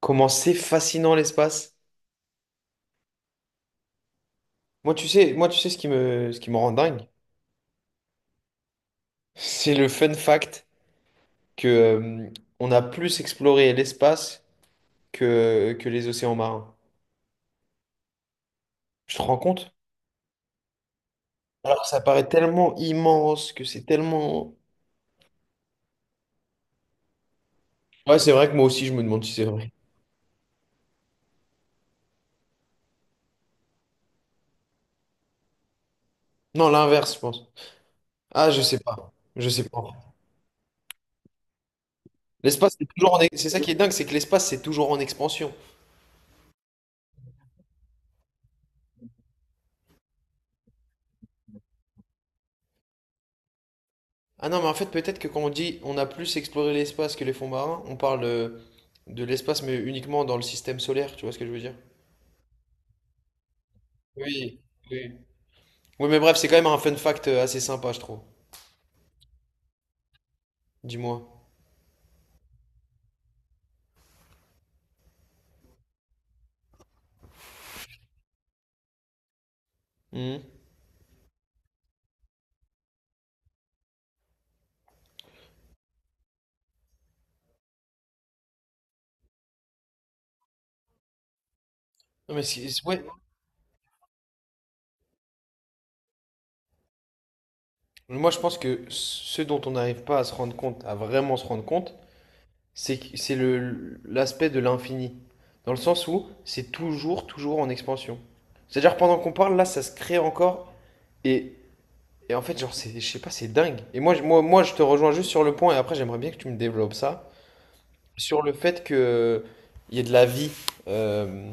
Comment c'est fascinant l'espace. Moi, tu sais ce qui me rend dingue, c'est le fun fact que on a plus exploré l'espace que les océans marins. Je te rends compte? Alors que ça paraît tellement immense que c'est tellement. Ouais, c'est vrai que moi aussi, je me demande si c'est vrai. Non, l'inverse, je pense. Ah, je sais pas. Je sais pas. L'espace, c'est toujours en... ex- C'est ça qui est dingue, c'est que l'espace, c'est toujours en expansion. Ah non, mais en fait, peut-être que quand on dit on a plus exploré l'espace que les fonds marins, on parle de l'espace, mais uniquement dans le système solaire, tu vois ce que je veux dire? Oui, oui. Oui, mais bref, c'est quand même un fun fact assez sympa, je trouve. Dis-moi. Mhm. Non, mais ouais. Moi, je pense que ce dont on n'arrive pas à se rendre compte, à vraiment se rendre compte, c'est le l'aspect de l'infini. Dans le sens où c'est toujours, toujours en expansion. C'est-à-dire, pendant qu'on parle, là, ça se crée encore. Et En fait, genre, c'est, je sais pas, c'est dingue. Moi, je te rejoins juste sur le point, et après, j'aimerais bien que tu me développes ça. Sur le fait que il y ait de la vie euh,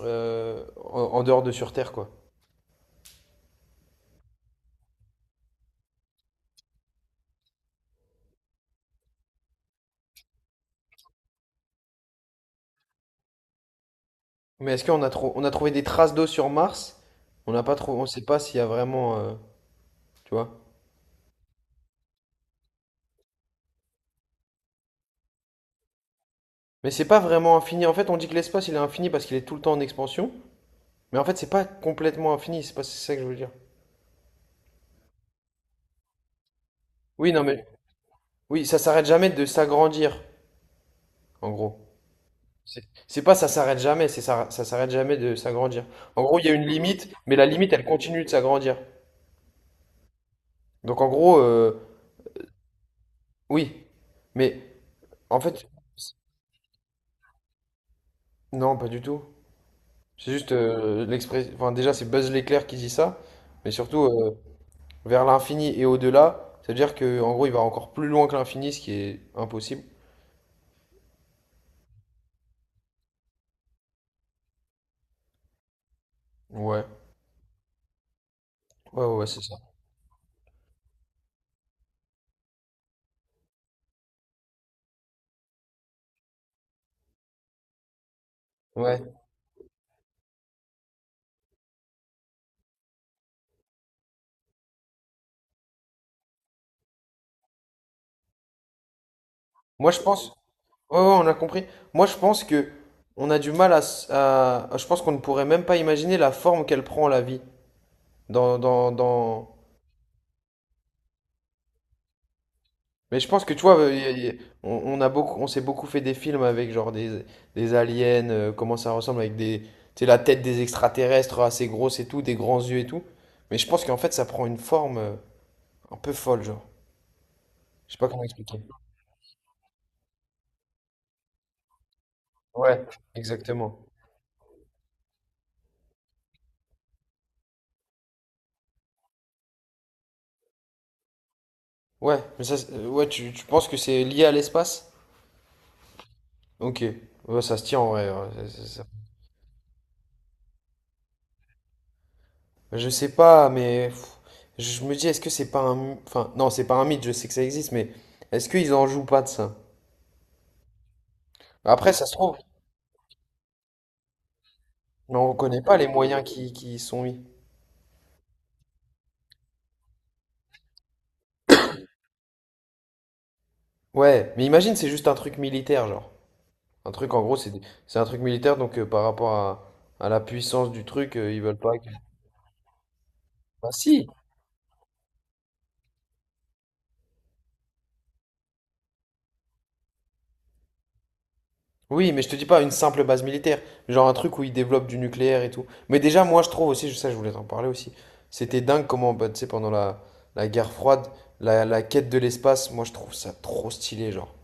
euh, en, en dehors de sur Terre, quoi. Mais est-ce qu'on a, trou- on a trouvé des traces d'eau sur Mars? On n'a pas trouvé, on sait pas s'il y a vraiment, tu vois. Mais c'est pas vraiment infini. En fait, on dit que l'espace, il est infini parce qu'il est tout le temps en expansion. Mais en fait, c'est pas complètement infini, c'est pas c'est ça que je veux dire. Oui, non, mais oui, ça s'arrête jamais de s'agrandir, en gros. C'est pas ça s'arrête jamais, c'est ça, ça s'arrête jamais de s'agrandir. En gros, il y a une limite, mais la limite, elle continue de s'agrandir. Donc en gros, oui, mais en fait, non, pas du tout. Enfin, déjà, c'est Buzz l'éclair qui dit ça, mais surtout vers l'infini et au-delà, c'est-à-dire que en gros, il va encore plus loin que l'infini, ce qui est impossible. Ouais, ouais, ouais, ouais, c'est ça. Ouais. Moi, je pense. Ouais, ouais, on a compris. Moi, je pense que on a du mal à, s- à- je pense qu'on ne pourrait même pas imaginer la forme qu'elle prend la vie dans, dans, dans... Mais je pense que tu vois, on a beaucoup, on s'est beaucoup fait des films avec genre des, des aliens, comment ça ressemble avec des, tu sais, la tête des extraterrestres assez grosse et tout, des grands yeux et tout. Mais je pense qu'en fait, ça prend une forme un peu folle, genre. Je sais pas comment expliquer. Ouais, exactement. Ouais, tu, tu penses que c'est lié à l'espace? Ok, ouais, ça se tient en vrai. Je sais pas, mais pff, je me dis, est-ce que c'est pas un... my- Enfin, non, c'est pas un mythe, je sais que ça existe, mais est-ce qu'ils en jouent pas de ça? Après, ça se trouve, mais on connaît pas les moyens qui y sont mis. Ouais, mais imagine, c'est juste un truc militaire, genre. Un truc, en gros, c'est des- c'est un truc militaire, donc à la puissance du truc, ils veulent pas... que- Bah si! Oui, mais je te dis pas une simple base militaire, genre un truc où ils développent du nucléaire et tout. Mais déjà, moi, je trouve aussi, ça, je voulais t'en parler aussi. C'était dingue comment, bah, tu sais, pendant la, la guerre froide, la quête de l'espace, moi, je trouve ça trop stylé, genre.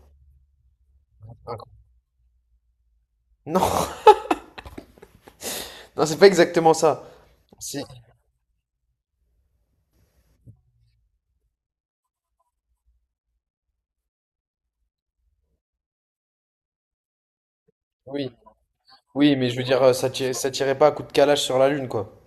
Incroyable. Non, non, c'est pas exactement ça. Si, oui, oui, mais je veux dire, ça tirait pas à coup de calage sur la Lune, quoi.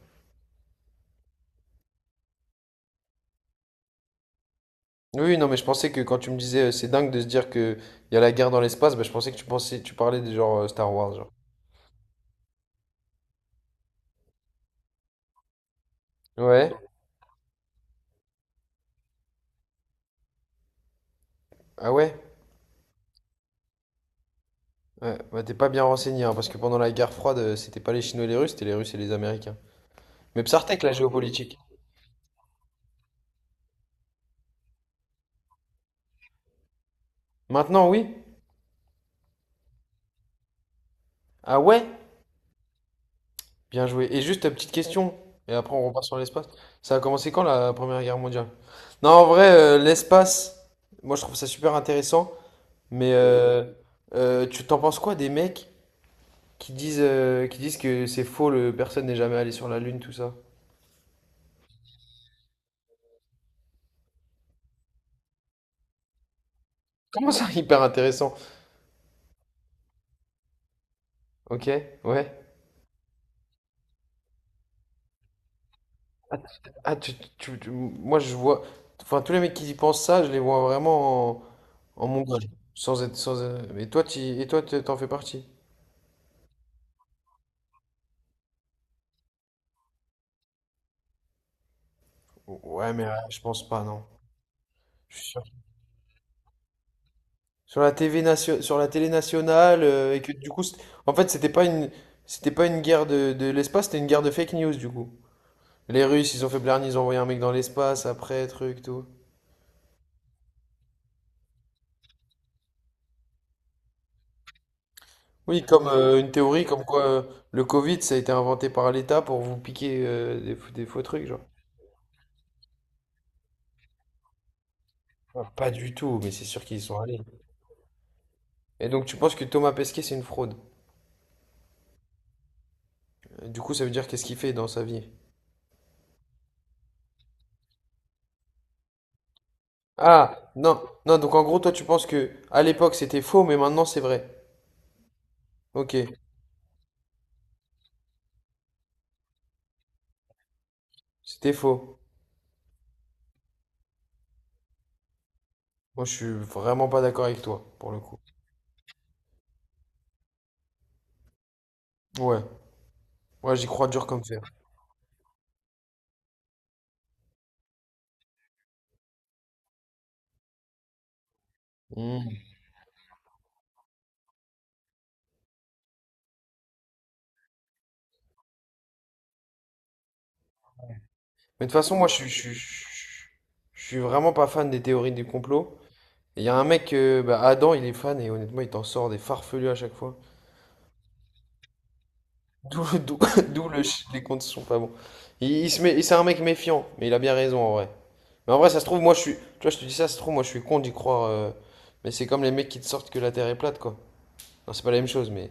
Oui, non, mais je pensais que quand tu me disais, c'est dingue de se dire que il y a la guerre dans l'espace, bah, je pensais que tu pensais, tu parlais des genre Star Wars, genre. Ouais. Ah ouais? Ouais, bah t'es pas bien renseigné, hein, parce que pendant la guerre froide, c'était pas les Chinois et les Russes, c'était les Russes et les Américains. Mais Psartek, la géopolitique. Maintenant, oui. Ah ouais? Bien joué. Et juste, petite question, et après on repart sur l'espace. Ça a commencé quand la Première Guerre mondiale? Non, en vrai, l'espace, moi je trouve ça super intéressant, mais tu t'en penses quoi des mecs qui disent que c'est faux, le, personne n'est jamais allé sur la Lune, tout ça? Comment ça, hyper intéressant? Ok, ouais. Ah, moi je vois. Enfin, tous les mecs qui y pensent ça, je les vois vraiment en, en Mongol. Sans être. Et toi, t'en fais partie. Ouais, mais je pense pas, non. Je suis sûr. Sur la télé nationale, et que du coup. C't- En fait, c'était pas une. C'était pas une guerre de l'espace, c'était une guerre de fake news, du coup. Les Russes, ils ont fait Blarney, ils ont envoyé un mec dans l'espace, après, truc, tout. Oui, comme une théorie, comme quoi le Covid, ça a été inventé par l'État pour vous piquer des faux trucs, genre. Ah, pas du tout, mais c'est sûr qu'ils y sont allés. Et donc tu penses que Thomas Pesquet c'est une fraude? Du coup ça veut dire qu'est-ce qu'il fait dans sa vie? Ah non non donc en gros toi tu penses que à l'époque c'était faux mais maintenant c'est vrai. Ok, c'était faux. Moi je suis vraiment pas d'accord avec toi pour le coup. Ouais, ouais, j'y crois dur comme fer. Hmm. Mais de toute façon moi je suis vraiment pas fan des théories du complot. Et il y a un mec Adam il est fan et honnêtement il t'en sort des farfelus à chaque fois. D'où d'où- d'où les comptes sont pas bons. Il se met, c'est un mec méfiant, mais il a bien raison en vrai. Mais en vrai, ça se trouve, moi je suis. Tu vois, je te dis ça, ça se trouve, moi je suis con d'y croire. Mais c'est comme les mecs qui te sortent que la Terre est plate, quoi. Non, c'est pas la même chose, mais.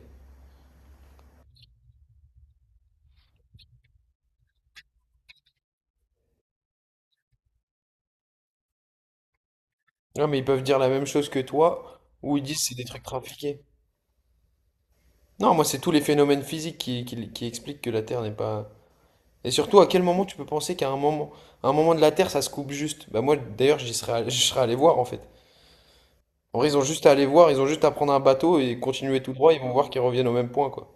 Non, mais ils peuvent dire la même chose que toi, ou ils disent c'est des trucs trafiqués. Non, moi c'est tous les phénomènes physiques qui expliquent que la Terre n'est pas. Et surtout, à quel moment tu peux penser qu'à un moment, à un moment de la Terre, ça se coupe juste? Bah moi, d'ailleurs, je serais allé voir en fait. En vrai, ils ont juste à aller voir, ils ont juste à prendre un bateau et continuer tout droit, ils vont voir qu'ils reviennent au même point, quoi.